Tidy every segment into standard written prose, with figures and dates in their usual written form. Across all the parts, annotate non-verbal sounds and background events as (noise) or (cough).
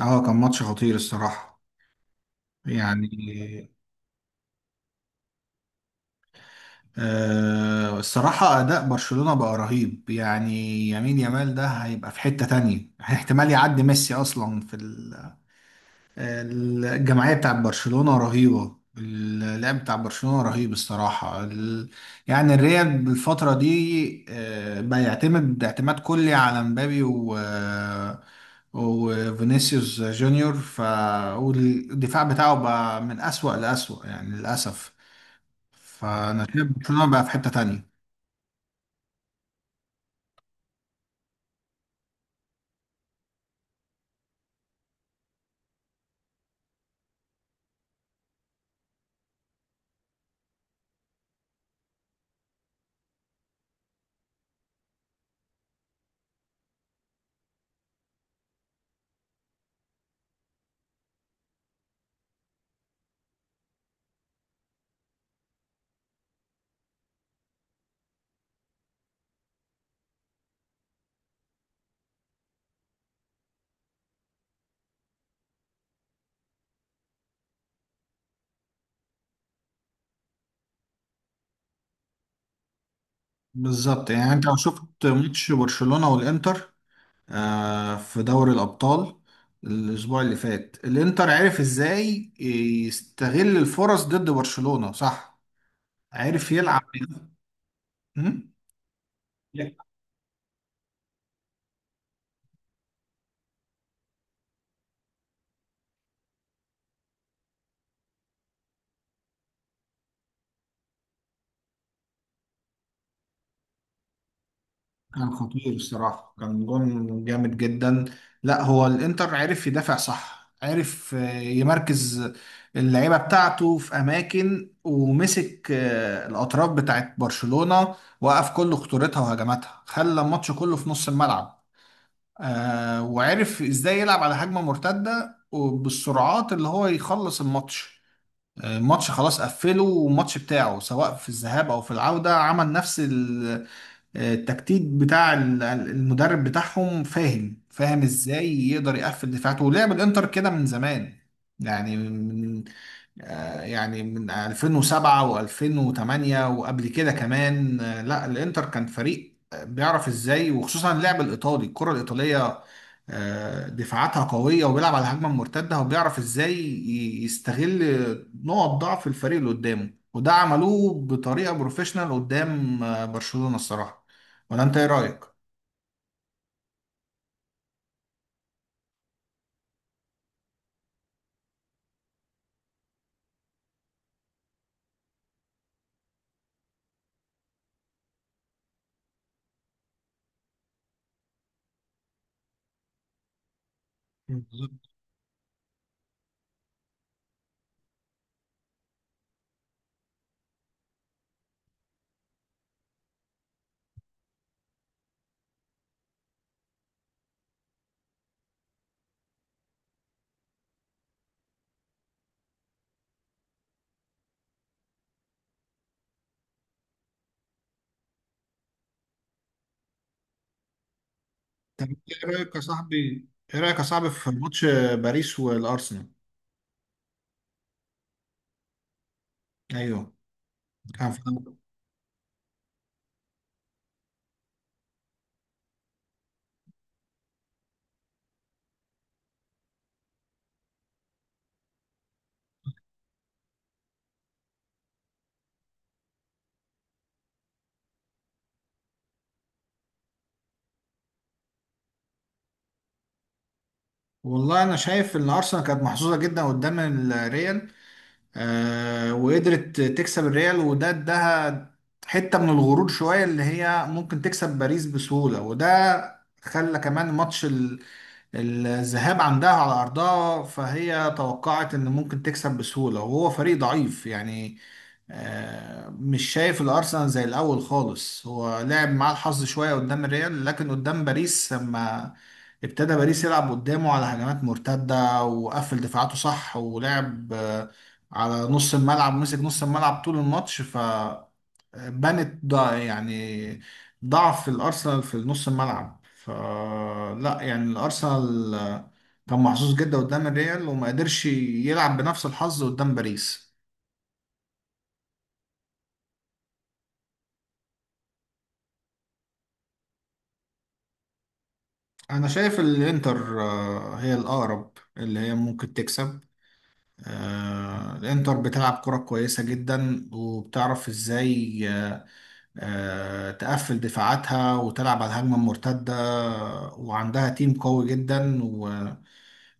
اه كان ماتش خطير الصراحة. يعني. الصراحة أداء برشلونة بقى رهيب يعني. يمين يامال ده هيبقى في حتة تانية (laughs) احتمال يعدي ميسي أصلا في الجمعية بتاعت برشلونة رهيبة. اللعب بتاع برشلونة رهيب الصراحة. يعني الريال بالفترة دي بقى يعتمد اعتماد كلي على مبابي و آه، وفينيسيوس جونيور. والدفاع بتاعه بقى من أسوأ لأسوأ يعني، للأسف. فأنا شايف برشلونة بقى في حتة تانية. بالظبط، يعني أنت لو شفت ماتش برشلونة والإنتر في دوري الأبطال الأسبوع اللي فات، الإنتر عرف إزاي يستغل الفرص ضد برشلونة، صح؟ عرف يلعب. أمم؟ لا، كان خطير الصراحة، كان جون جامد جدا. لا، هو الإنتر عرف يدافع، صح، عرف يمركز اللعيبة بتاعته في أماكن، ومسك الأطراف بتاعت برشلونة، وقف كل خطورتها وهجماتها، خلى الماتش كله في نص الملعب. وعرف ازاي يلعب على هجمة مرتدة وبالسرعات اللي هو يخلص الماتش. الماتش خلاص قفله، والماتش بتاعه سواء في الذهاب او في العودة عمل نفس التكتيك بتاع المدرب بتاعهم. فاهم ازاي يقدر يقفل دفاعاته، ولعب الانتر كده من زمان يعني. يعني من 2007 و2008 وقبل كده كمان. لا، الانتر كان فريق بيعرف ازاي، وخصوصا اللعب الايطالي، الكرة الايطالية دفاعاتها قوية، وبيلعب على الهجمة المرتدة، وبيعرف ازاي يستغل نقط ضعف الفريق اللي قدامه، وده عملوه بطريقة بروفيشنال قدام برشلونة الصراحة. ولا انت ايه رأيك؟ بالظبط. طب انت ايه رأيك يا صاحبي في ماتش باريس والأرسنال؟ ايوه. كان والله انا شايف ان ارسنال كانت محظوظه جدا قدام الريال، وقدرت تكسب الريال، وده اداها حته من الغرور شويه اللي هي ممكن تكسب باريس بسهوله، وده خلى كمان ماتش الذهاب عندها على أرضها، فهي توقعت إن ممكن تكسب بسهولة، وهو فريق ضعيف يعني. مش شايف الأرسنال زي الأول خالص. هو لعب معاه الحظ شوية قدام الريال، لكن قدام باريس لما ابتدى باريس يلعب قدامه على هجمات مرتدة، وقفل دفاعاته، صح، ولعب على نص الملعب، ومسك نص الملعب طول الماتش، ف بنت ضع يعني ضعف الأرسنال في نص الملعب. فلا، يعني الأرسنال كان محظوظ جدا قدام الريال، وما قدرش يلعب بنفس الحظ قدام باريس. أنا شايف الإنتر هي الأقرب، اللي هي ممكن تكسب. الإنتر بتلعب كرة كويسة جدا، وبتعرف إزاي تقفل دفاعاتها وتلعب على الهجمة المرتدة، وعندها تيم قوي جدا.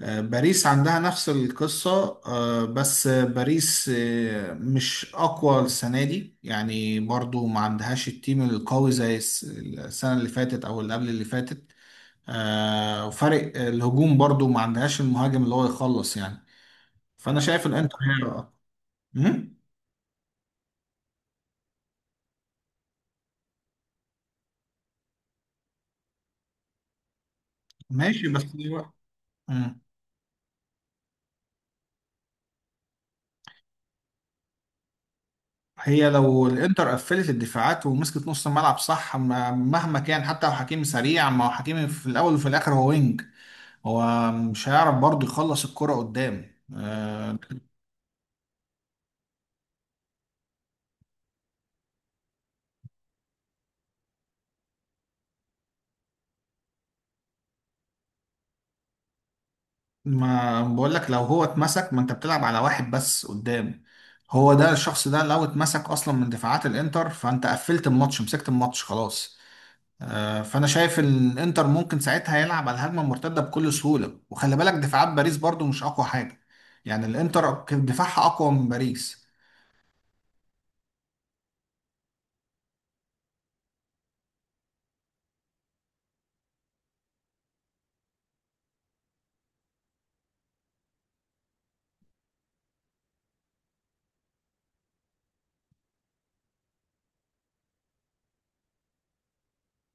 باريس عندها نفس القصة، بس باريس مش أقوى السنة دي، يعني برضو ما عندهاش التيم القوي زي السنة اللي فاتت أو اللي قبل اللي فاتت. وفرق الهجوم برضو ما عندهاش المهاجم اللي هو يخلص يعني. فأنا شايف الإنتر هي الأقوى. مم؟ ماشي، بس. مم. هي لو الإنتر قفلت الدفاعات ومسكت نص الملعب، صح، مهما كان، حتى لو حكيمي سريع، ما هو حكيمي في الأول وفي الآخر هو وينج، هو مش هيعرف برضه يخلص الكرة قدام. ما بقول لك لو هو اتمسك، ما انت بتلعب على واحد بس قدام، هو ده. الشخص ده لو اتمسك اصلا من دفاعات الانتر، فانت قفلت الماتش، مسكت الماتش، خلاص. فانا شايف ان الانتر ممكن ساعتها يلعب على الهجمه المرتده بكل سهوله، وخلي بالك دفاعات باريس برضو مش اقوى حاجه، يعني الانتر كان دفاعها اقوى من باريس.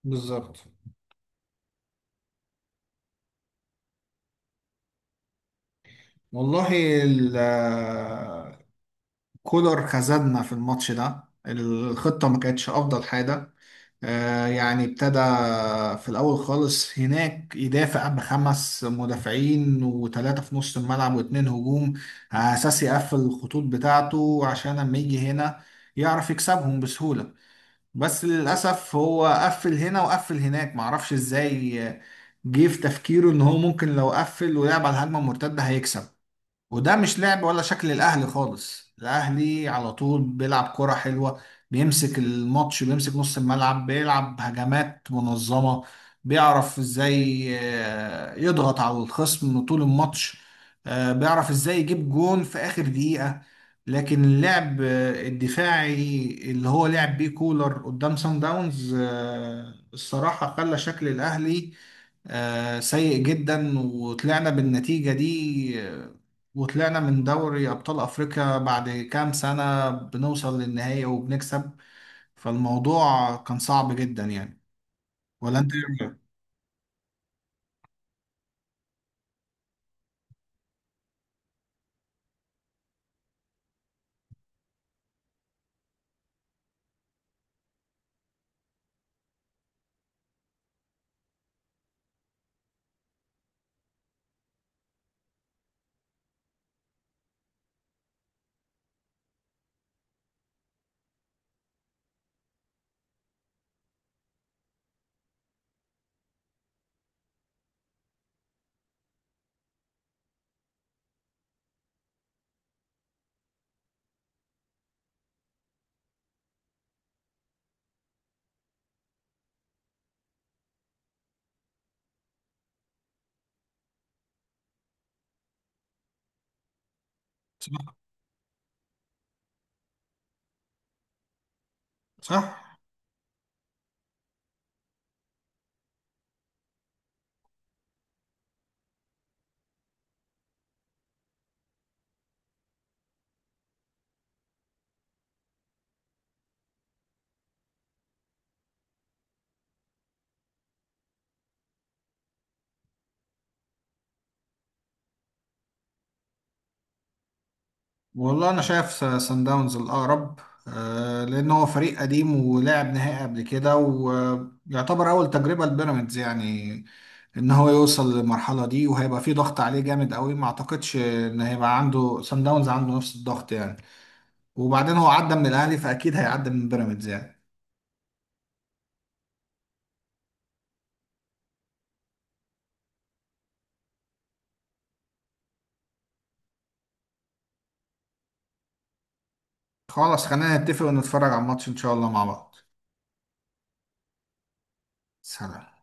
بالظبط. والله ال- كولر خذلنا في الماتش ده. الخطة ما كانتش أفضل حاجة. يعني ابتدى في الأول خالص هناك يدافع بخمس مدافعين وثلاثة في نص الملعب واتنين هجوم، على أساس يقفل الخطوط بتاعته، عشان لما يجي هنا يعرف يكسبهم بسهولة. بس للأسف هو قفل هنا وقفل هناك، معرفش إزاي جه في تفكيره إن هو ممكن لو قفل ولعب على الهجمة المرتدة هيكسب. وده مش لعب ولا شكل الاهلي خالص. الاهلي على طول بيلعب كرة حلوة، بيمسك الماتش، بيمسك نص الملعب، بيلعب هجمات منظمة، بيعرف ازاي يضغط على الخصم طول الماتش، بيعرف ازاي يجيب جون في اخر دقيقة. لكن اللعب الدفاعي اللي هو لعب بيه كولر قدام سان داونز، الصراحة خلى شكل الاهلي سيء جدا، وطلعنا بالنتيجة دي، وطلعنا من دوري أبطال أفريقيا بعد كام سنة بنوصل للنهاية وبنكسب. فالموضوع كان صعب جدا يعني. ولا أنت إيه رأيك؟ صح؟ والله أنا شايف سان داونز الأقرب، لأن هو فريق قديم ولعب نهائي قبل كده، ويعتبر أول تجربة لبيراميدز، يعني ان هو يوصل للمرحله دي، وهيبقى فيه ضغط عليه جامد قوي، ما اعتقدش ان هيبقى عنده سان داونز عنده نفس الضغط يعني. وبعدين هو عدى من الاهلي، فاكيد هيعدي من بيراميدز يعني. خلاص، خلينا نتفق ونتفرج على الماتش ان شاء الله مع بعض. سلام.